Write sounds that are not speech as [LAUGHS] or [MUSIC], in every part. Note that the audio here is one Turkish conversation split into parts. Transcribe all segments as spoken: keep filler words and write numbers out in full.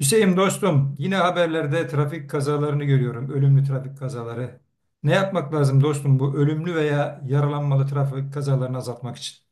Hüseyin dostum, yine haberlerde trafik kazalarını görüyorum, ölümlü trafik kazaları. Ne yapmak lazım dostum bu ölümlü veya yaralanmalı trafik kazalarını azaltmak için?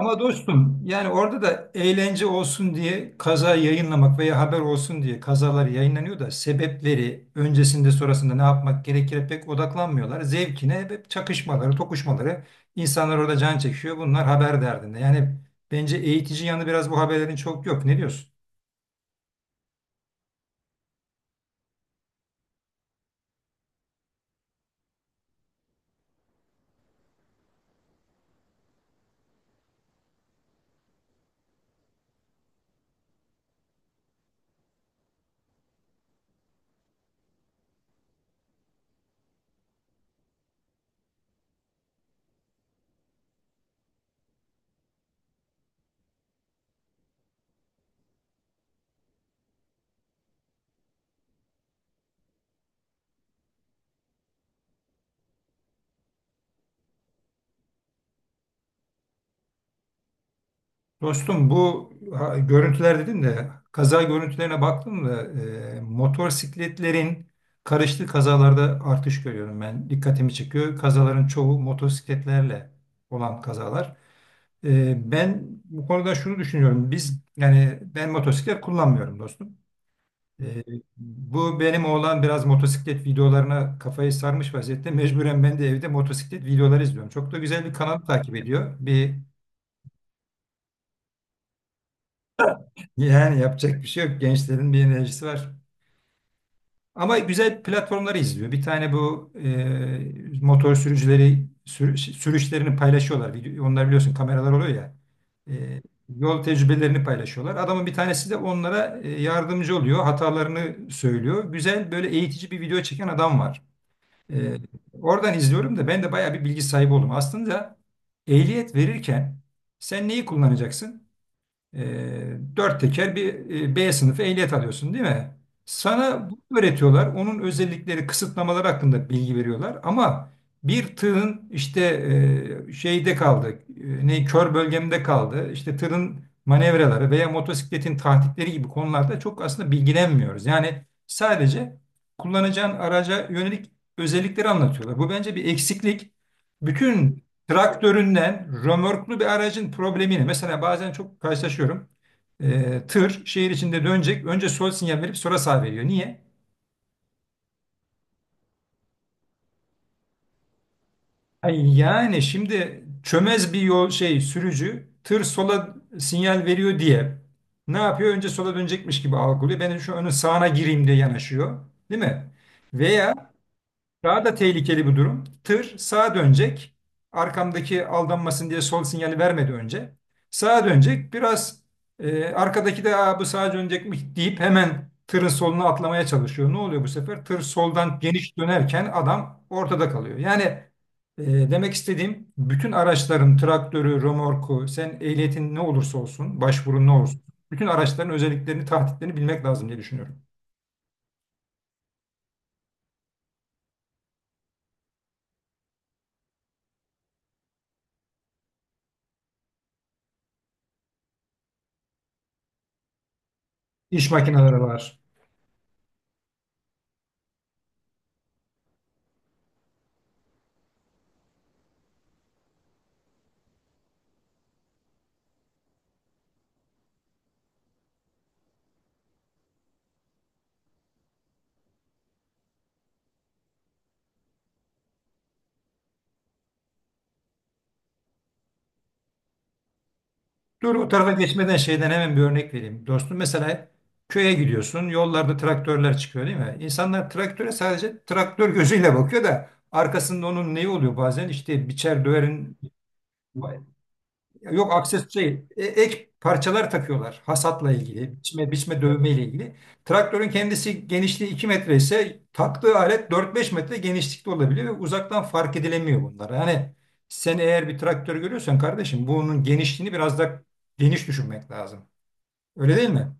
Ama dostum, yani orada da eğlence olsun diye kaza yayınlamak veya haber olsun diye kazalar yayınlanıyor da sebepleri öncesinde sonrasında ne yapmak gerekir pek odaklanmıyorlar. Zevkine hep çakışmaları, tokuşmaları, insanlar orada can çekişiyor. Bunlar haber derdinde. Yani bence eğitici yanı biraz bu haberlerin çok yok. Ne diyorsun? Dostum bu ha, görüntüler dedin de kaza görüntülerine baktım da e, motosikletlerin karıştığı kazalarda artış görüyorum ben. Dikkatimi çekiyor. Kazaların çoğu motosikletlerle olan kazalar. E, ben bu konuda şunu düşünüyorum. Biz yani ben motosiklet kullanmıyorum dostum. E, bu benim oğlan biraz motosiklet videolarına kafayı sarmış vaziyette. Mecburen ben de evde motosiklet videoları izliyorum. Çok da güzel bir kanal takip ediyor. Bir Yani yapacak bir şey yok. Gençlerin bir enerjisi var. Ama güzel platformları izliyor. Bir tane bu e, motor sürücüleri sür- sürüşlerini paylaşıyorlar. Video- Onlar biliyorsun kameralar oluyor ya. E, yol tecrübelerini paylaşıyorlar. Adamın bir tanesi de onlara e, yardımcı oluyor. Hatalarını söylüyor. Güzel böyle eğitici bir video çeken adam var. E, oradan izliyorum da ben de bayağı bir bilgi sahibi oldum. Aslında ehliyet verirken sen neyi kullanacaksın? E, dört teker bir e, B sınıfı ehliyet alıyorsun değil mi? Sana evet, bunu öğretiyorlar. Onun özellikleri, kısıtlamaları hakkında bilgi veriyorlar. Ama bir tığın işte e, şeyde kaldı, e, ne kör bölgemde kaldı, işte tırın manevraları veya motosikletin tahtikleri gibi konularda çok aslında bilgilenmiyoruz. Yani sadece kullanacağın araca yönelik özellikleri anlatıyorlar. Bu bence bir eksiklik. Bütün traktöründen römorklu bir aracın problemini mesela bazen çok karşılaşıyorum. Ee, tır şehir içinde dönecek. Önce sol sinyal verip sonra sağ veriyor. Niye? Ay, yani şimdi çömez bir yol şey sürücü tır sola sinyal veriyor diye ne yapıyor? Önce sola dönecekmiş gibi algılıyor. Ben şu önün sağına gireyim diye yanaşıyor. Değil mi? Veya Daha da tehlikeli bir durum. Tır sağa dönecek. Arkamdaki aldanmasın diye sol sinyali vermedi önce. Sağa dönecek. Biraz e, arkadaki de "Aa, bu sağa dönecekmiş" deyip hemen tırın soluna atlamaya çalışıyor. Ne oluyor bu sefer? Tır soldan geniş dönerken adam ortada kalıyor. Yani e, demek istediğim bütün araçların traktörü, römorku, sen ehliyetin ne olursa olsun, başvurun ne olursa bütün araçların özelliklerini, tahtitlerini bilmek lazım diye düşünüyorum. İş makineleri var. Dur o tarafa geçmeden şeyden hemen bir örnek vereyim. Dostum mesela köye gidiyorsun. Yollarda traktörler çıkıyor değil mi? İnsanlar traktöre sadece traktör gözüyle bakıyor da arkasında onun neyi oluyor bazen? İşte biçer döverin. Yok, aksesuar değil. E, ek parçalar takıyorlar hasatla ilgili, biçme, biçme dövme ile ilgili. Traktörün kendisi genişliği iki metre ise taktığı alet dört beş metre genişlikte olabiliyor ve uzaktan fark edilemiyor bunlar. Yani sen eğer bir traktör görüyorsan kardeşim bunun genişliğini biraz da geniş düşünmek lazım. Öyle değil mi?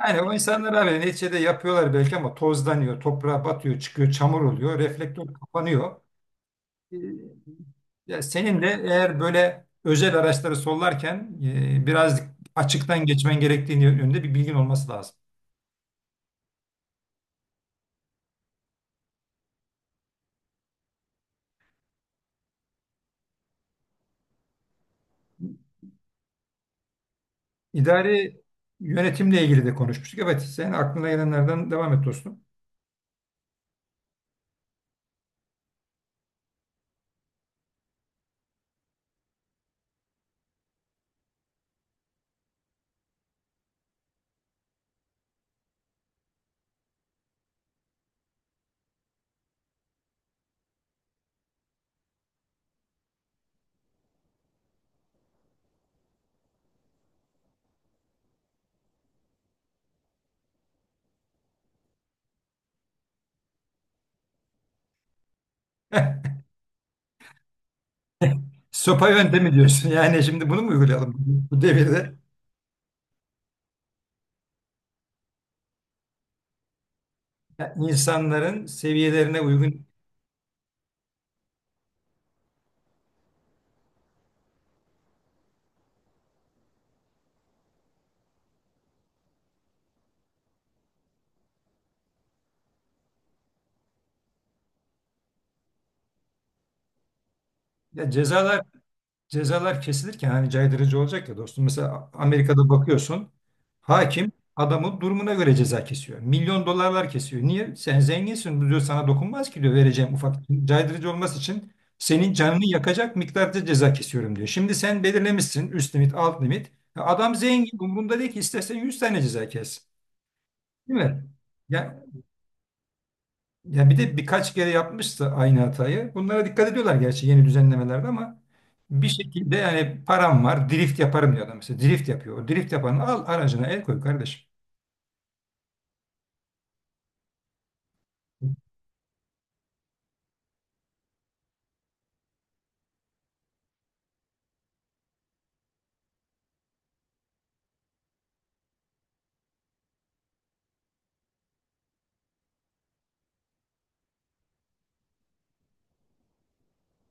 Yani o insanlar abi neticede yapıyorlar belki ama tozlanıyor, toprağa batıyor, çıkıyor, çamur oluyor, reflektör kapanıyor. E, Ya senin de eğer böyle özel araçları sollarken e, biraz açıktan geçmen gerektiğini yönünde bir bilgin olması lazım. İdari yönetimle ilgili de konuşmuştuk. Evet, sen aklına gelenlerden devam et dostum. Sopa yöntemi diyorsun. [LAUGHS] Yani şimdi bunu mu uygulayalım bu devirde? Ya insanların seviyelerine uygun ya cezalar, cezalar kesilirken hani caydırıcı olacak ya dostum. Mesela Amerika'da bakıyorsun hakim adamın durumuna göre ceza kesiyor. Milyon dolarlar kesiyor. Niye? Sen zenginsin, bu diyor sana dokunmaz ki diyor, vereceğim ufak caydırıcı olması için senin canını yakacak miktarda ceza kesiyorum diyor. Şimdi sen belirlemişsin üst limit alt limit. Ya, adam zengin umurunda değil ki istersen yüz tane ceza kes. Değil mi? Ya ya bir de birkaç kere yapmıştı aynı hatayı. Bunlara dikkat ediyorlar gerçi yeni düzenlemelerde ama bir şekilde yani param var drift yaparım diyor adam mesela. Drift yapıyor. O drift yapanı al aracına el koy kardeşim.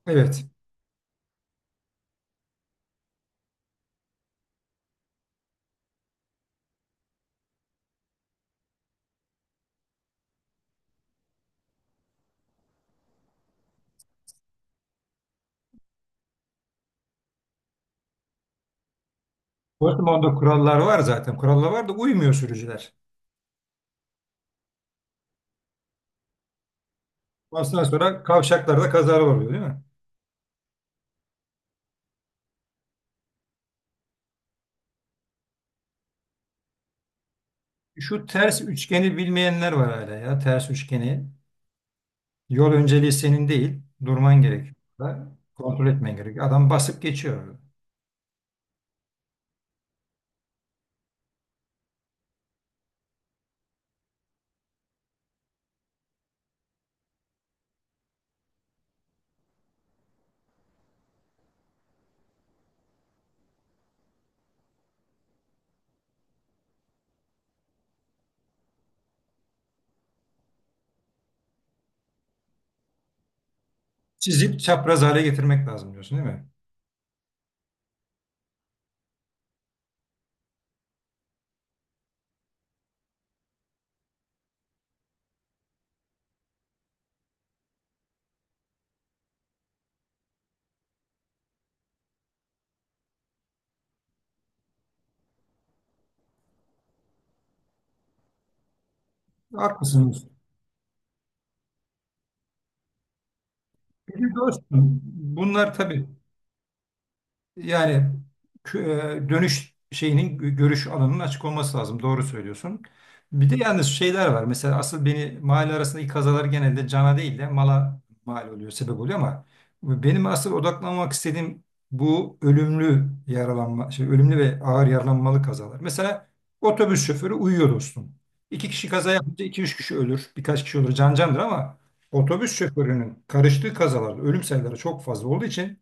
Evet. Dortmund'da kurallar var zaten. Kurallar var da uymuyor sürücüler. Ondan sonra kavşaklarda kazalar oluyor değil mi? Şu ters üçgeni bilmeyenler var hala ya. Ters üçgeni. Yol önceliği senin değil. Durman gerekiyor. Kontrol etmen gerekiyor. Adam basıp geçiyor. Çizip çapraz hale getirmek lazım diyorsun değil mi? Haklısınız. Bir de dostum bunlar tabii. Yani kü- e, dönüş şeyinin gö- görüş alanının açık olması lazım. Doğru söylüyorsun. Bir de yalnız şeyler var. Mesela asıl beni mahalle arasındaki kazalar genelde cana değil de mala mal oluyor, sebep oluyor ama benim asıl odaklanmak istediğim bu ölümlü yaralanma, şey, ölümlü ve ağır yaralanmalı kazalar. Mesela otobüs şoförü uyuyor dostum. İki kişi kaza yapınca iki üç kişi ölür. Birkaç kişi olur can candır ama otobüs şoförünün karıştığı kazalarda ölüm sayıları çok fazla olduğu için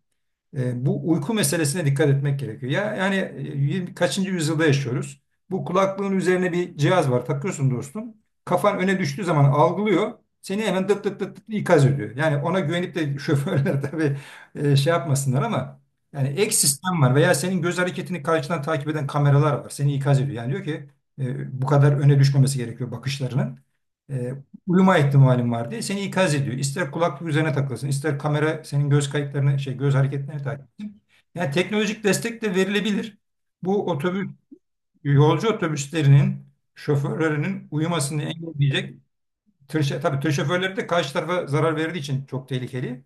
e, bu uyku meselesine dikkat etmek gerekiyor. Ya yani e, yirmi- kaçıncı yüzyılda yaşıyoruz? Bu kulaklığın üzerine bir cihaz var. Takıyorsun dostum. Kafan öne düştüğü zaman algılıyor. Seni hemen dıt dıt dıt dıt ikaz ediyor. Yani ona güvenip de [LAUGHS] şoförler tabii e, şey yapmasınlar ama yani ek sistem var veya senin göz hareketini karşıdan takip eden kameralar var. Seni ikaz ediyor. Yani diyor ki e, bu kadar öne düşmemesi gerekiyor bakışlarının. E, uyuma ihtimalin var diye seni ikaz ediyor. İster kulaklık üzerine takılsın, ister kamera senin göz kayıtlarını, şey göz hareketlerini takip etsin. Yani teknolojik destek de verilebilir. Bu otobüs, yolcu otobüslerinin şoförlerinin uyumasını engelleyecek tır, şe- tabii tır şoförleri de karşı tarafa zarar verdiği için çok tehlikeli.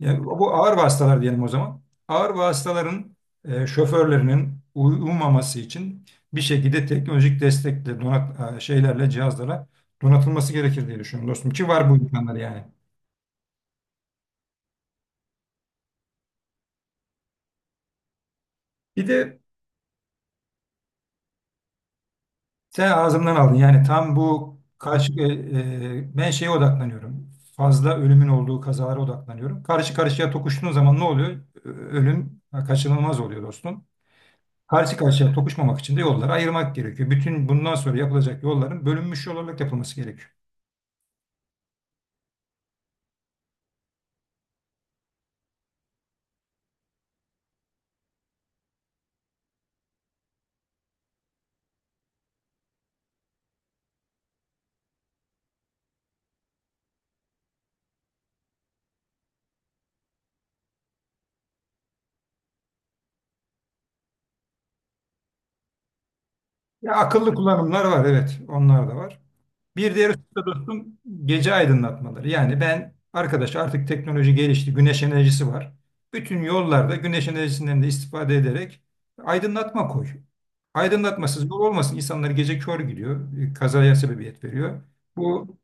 Yani bu ağır vasıtalar diyelim o zaman. Ağır vasıtaların e, şoförlerinin uyumaması için bir şekilde teknolojik destekle, donat, e, şeylerle, cihazlara donatılması gerekir diye düşünüyorum dostum. Ki var bu imkanlar yani. Bir de sen ağzımdan aldın. Yani tam bu karşı, e, e, ben şeye odaklanıyorum. Fazla ölümün olduğu kazalara odaklanıyorum. Karşı karşıya tokuştuğun zaman ne oluyor? Ö- Ölüm kaçınılmaz oluyor dostum. Karşı karşıya tokuşmamak için de yolları ayırmak gerekiyor. Bütün bundan sonra yapılacak yolların bölünmüş yol olarak yapılması gerekiyor. Ya akıllı kullanımlar var evet onlar da var. Bir diğer husus da dostum gece aydınlatmaları. Yani ben arkadaş artık teknoloji gelişti güneş enerjisi var. Bütün yollarda güneş enerjisinden de istifade ederek aydınlatma koy. Aydınlatmasız yol olmasın. İnsanlar gece kör gidiyor. e, Kazaya sebebiyet veriyor. Bu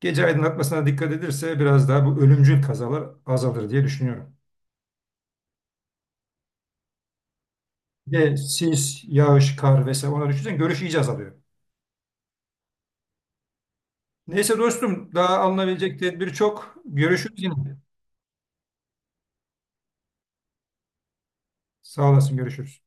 gece aydınlatmasına dikkat edilirse biraz daha bu ölümcül kazalar azalır diye düşünüyorum. Bir de sis, yağış, kar vesaire onları düşünsen görüş iyice azalıyor. Neyse dostum daha alınabilecek tedbir çok. Görüşürüz yine. Sağ olasın görüşürüz.